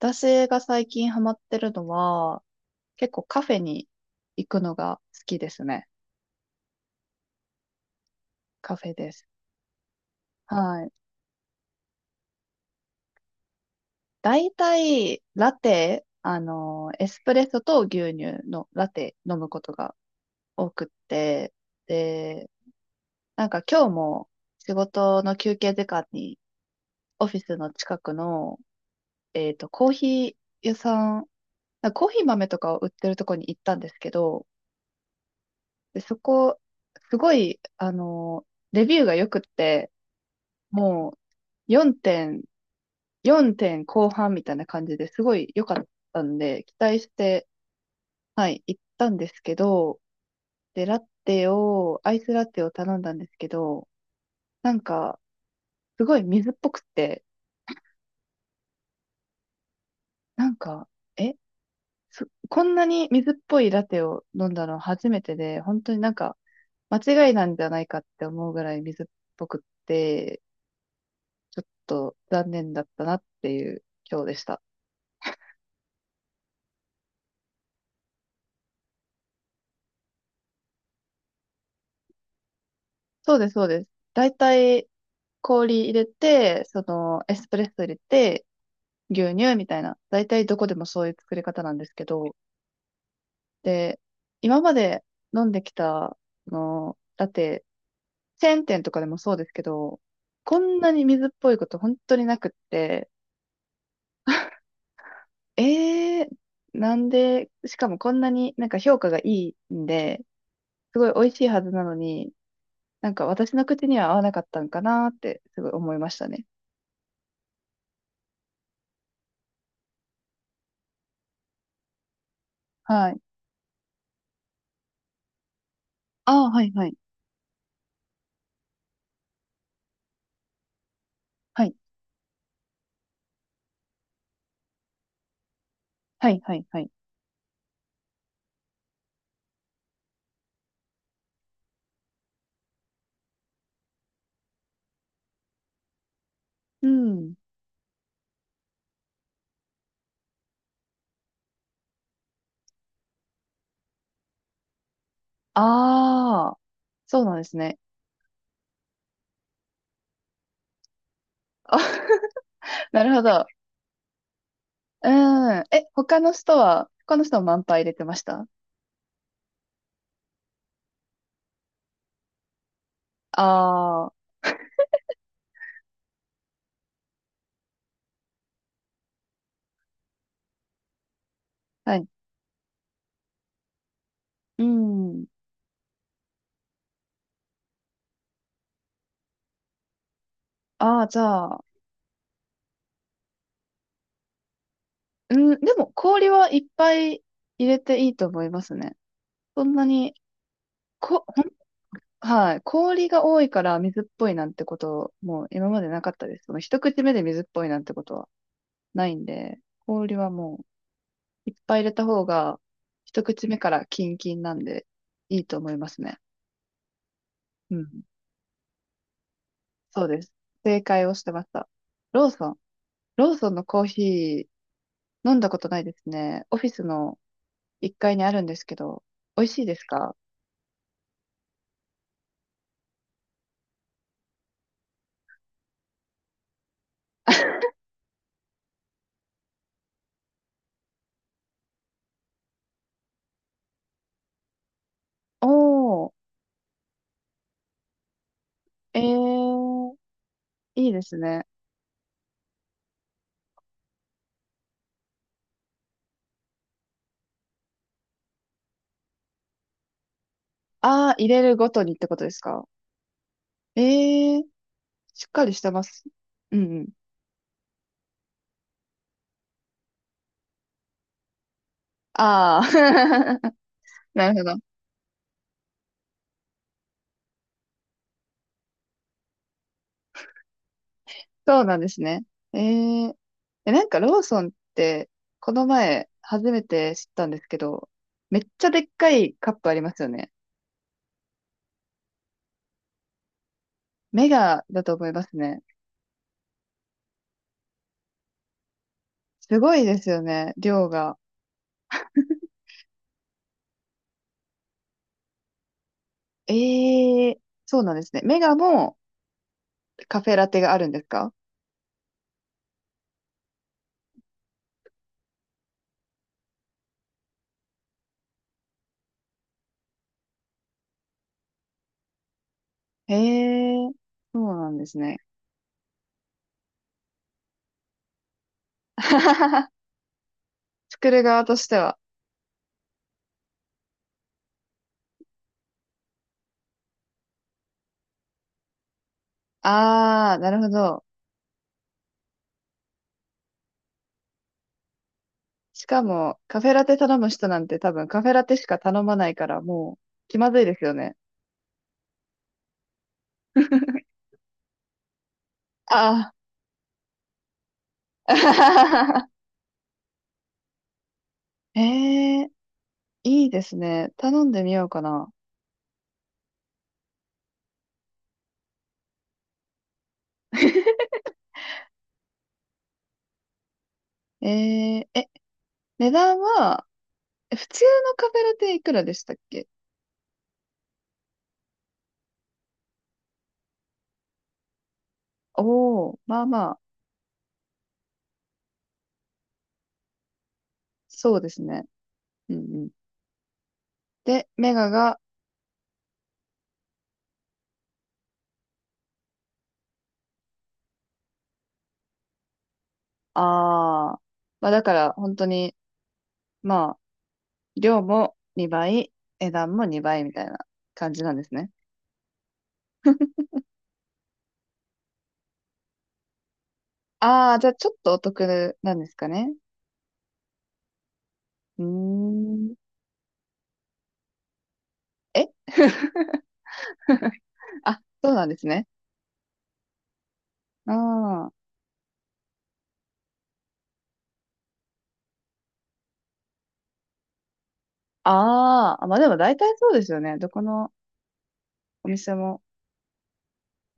私が最近ハマってるのは、結構カフェに行くのが好きですね。カフェです。はい。大体、ラテ、エスプレッソと牛乳のラテ飲むことが多くって、で、なんか今日も仕事の休憩時間にオフィスの近くの、コーヒー屋さん、なんかコーヒー豆とかを売ってるとこに行ったんですけど、で、そこ、すごい、レビューが良くって、もう4点、4点後半みたいな感じですごい良かったんで、期待して、はい、行ったんですけど、で、ラテを、アイスラテを頼んだんですけど、なんか、すごい水っぽくて、なんか、え、そこんなに水っぽいラテを飲んだの初めてで、本当になんか、間違いなんじゃないかって思うぐらい水っぽくって、ちょっと残念だったなっていう今日でした。そうです、そうです。大体、氷入れて、エスプレッソ入れて、牛乳みたいな。大体どこでもそういう作り方なんですけど、で、今まで飲んできた、ラテ、チェーン店とかでもそうですけど、こんなに水っぽいこと本当になくって、えー、なんで、しかもこんなになんか評価がいいんで、すごい美味しいはずなのに、なんか私の口には合わなかったんかなーってすごい思いましたね。はい。ああ、はいはい。はい。はいはいはい。うん。ああ、そうなんですね。あ なるほど。うん。え、他の人は満杯入れてました？ああー、はい。うん。ああ、じゃあ、うん、でも氷はいっぱい入れていいと思いますね。そんなに、こ、ほん、はい。氷が多いから水っぽいなんてこと、もう今までなかったです。その一口目で水っぽいなんてことはないんで、氷はもういっぱい入れた方が、一口目からキンキンなんでいいと思いますね。うん。そうです。正解をしてました。ローソン。ローソンのコーヒー飲んだことないですね。オフィスの1階にあるんですけど、美味しいですか？おー、えー、いいですね。あー、入れるごとにってことですか？えー、しっかりしてます。うんうん。あー、なるほど。そうなんですね。えー、なんかローソンって、この前初めて知ったんですけど、めっちゃでっかいカップありますよね。メガだと思いますね。すごいですよね、量が。ええ、そうなんですね。メガもカフェラテがあるんですか？ええ、そうなんですね。作る側としては。ああ、なるほど。しかも、カフェラテ頼む人なんて多分カフェラテしか頼まないからもう気まずいですよね。ああ。ええ、いいですね。頼んでみようかな。えええ、値段は、普通のカフェラテいくらでしたっけ？おおー、まあまあ、そうですね。うんうん。で、メガが、ああ、まあだから本当に、まあ、量も2倍、値段も2倍みたいな感じなんですね。ああ、じゃあちょっとお得なんですかね。うーん。え あ、そうなんですね。ああ、あーあ、まあでも大体そうですよね。どこのお店も。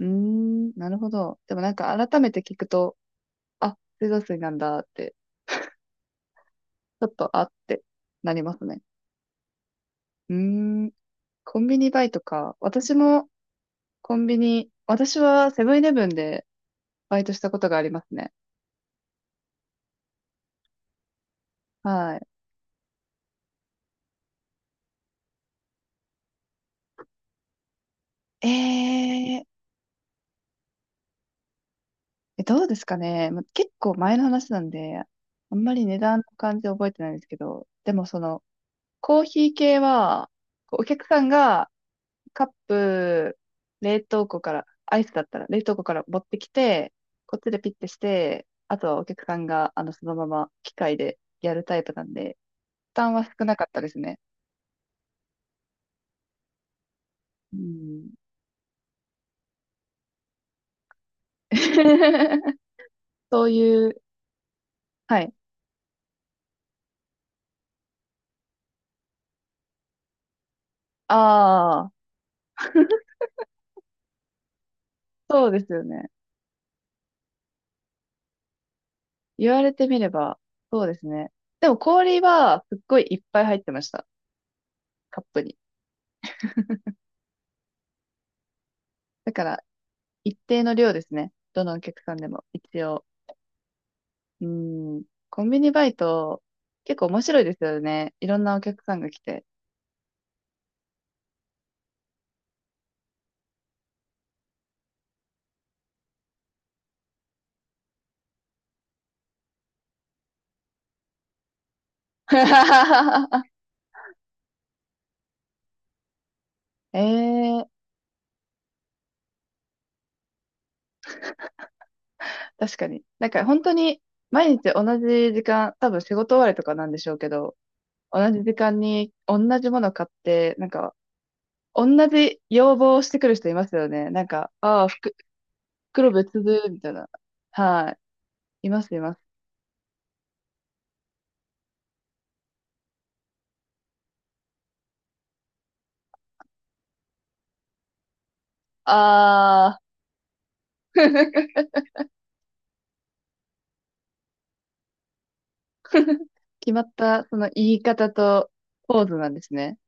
うーん、なるほど。でもなんか改めて聞くと、あ、水道水なんだって、ちょっとあってなりますね。うーん、コンビニバイトか。私もコンビニ、私はセブンイレブンでバイトしたことがありますね。はい。どうですかね。ま結構前の話なんで、あんまり値段の感じ覚えてないんですけど、でもコーヒー系は、こうお客さんがカップ、冷凍庫から、アイスだったら冷凍庫から持ってきて、こっちでピッてして、あとはお客さんが、そのまま機械でやるタイプなんで、負担は少なかったですね。うん。そういう、はい。ああ、そうですよね。言われてみれば、そうですね。でも氷はすっごいいっぱい入ってました。カップに。だから、一定の量ですね。どのお客さんでも、一応。うん。コンビニバイト、結構面白いですよね。いろんなお客さんが来て。ええー、確かに。なんか本当に、毎日同じ時間、多分仕事終わりとかなんでしょうけど、同じ時間に同じもの買って、なんか、同じ要望をしてくる人いますよね。なんか、ああ、服、袋別で、みたいな。はい。います、います。ああ、決まった、その言い方とポーズなんですね。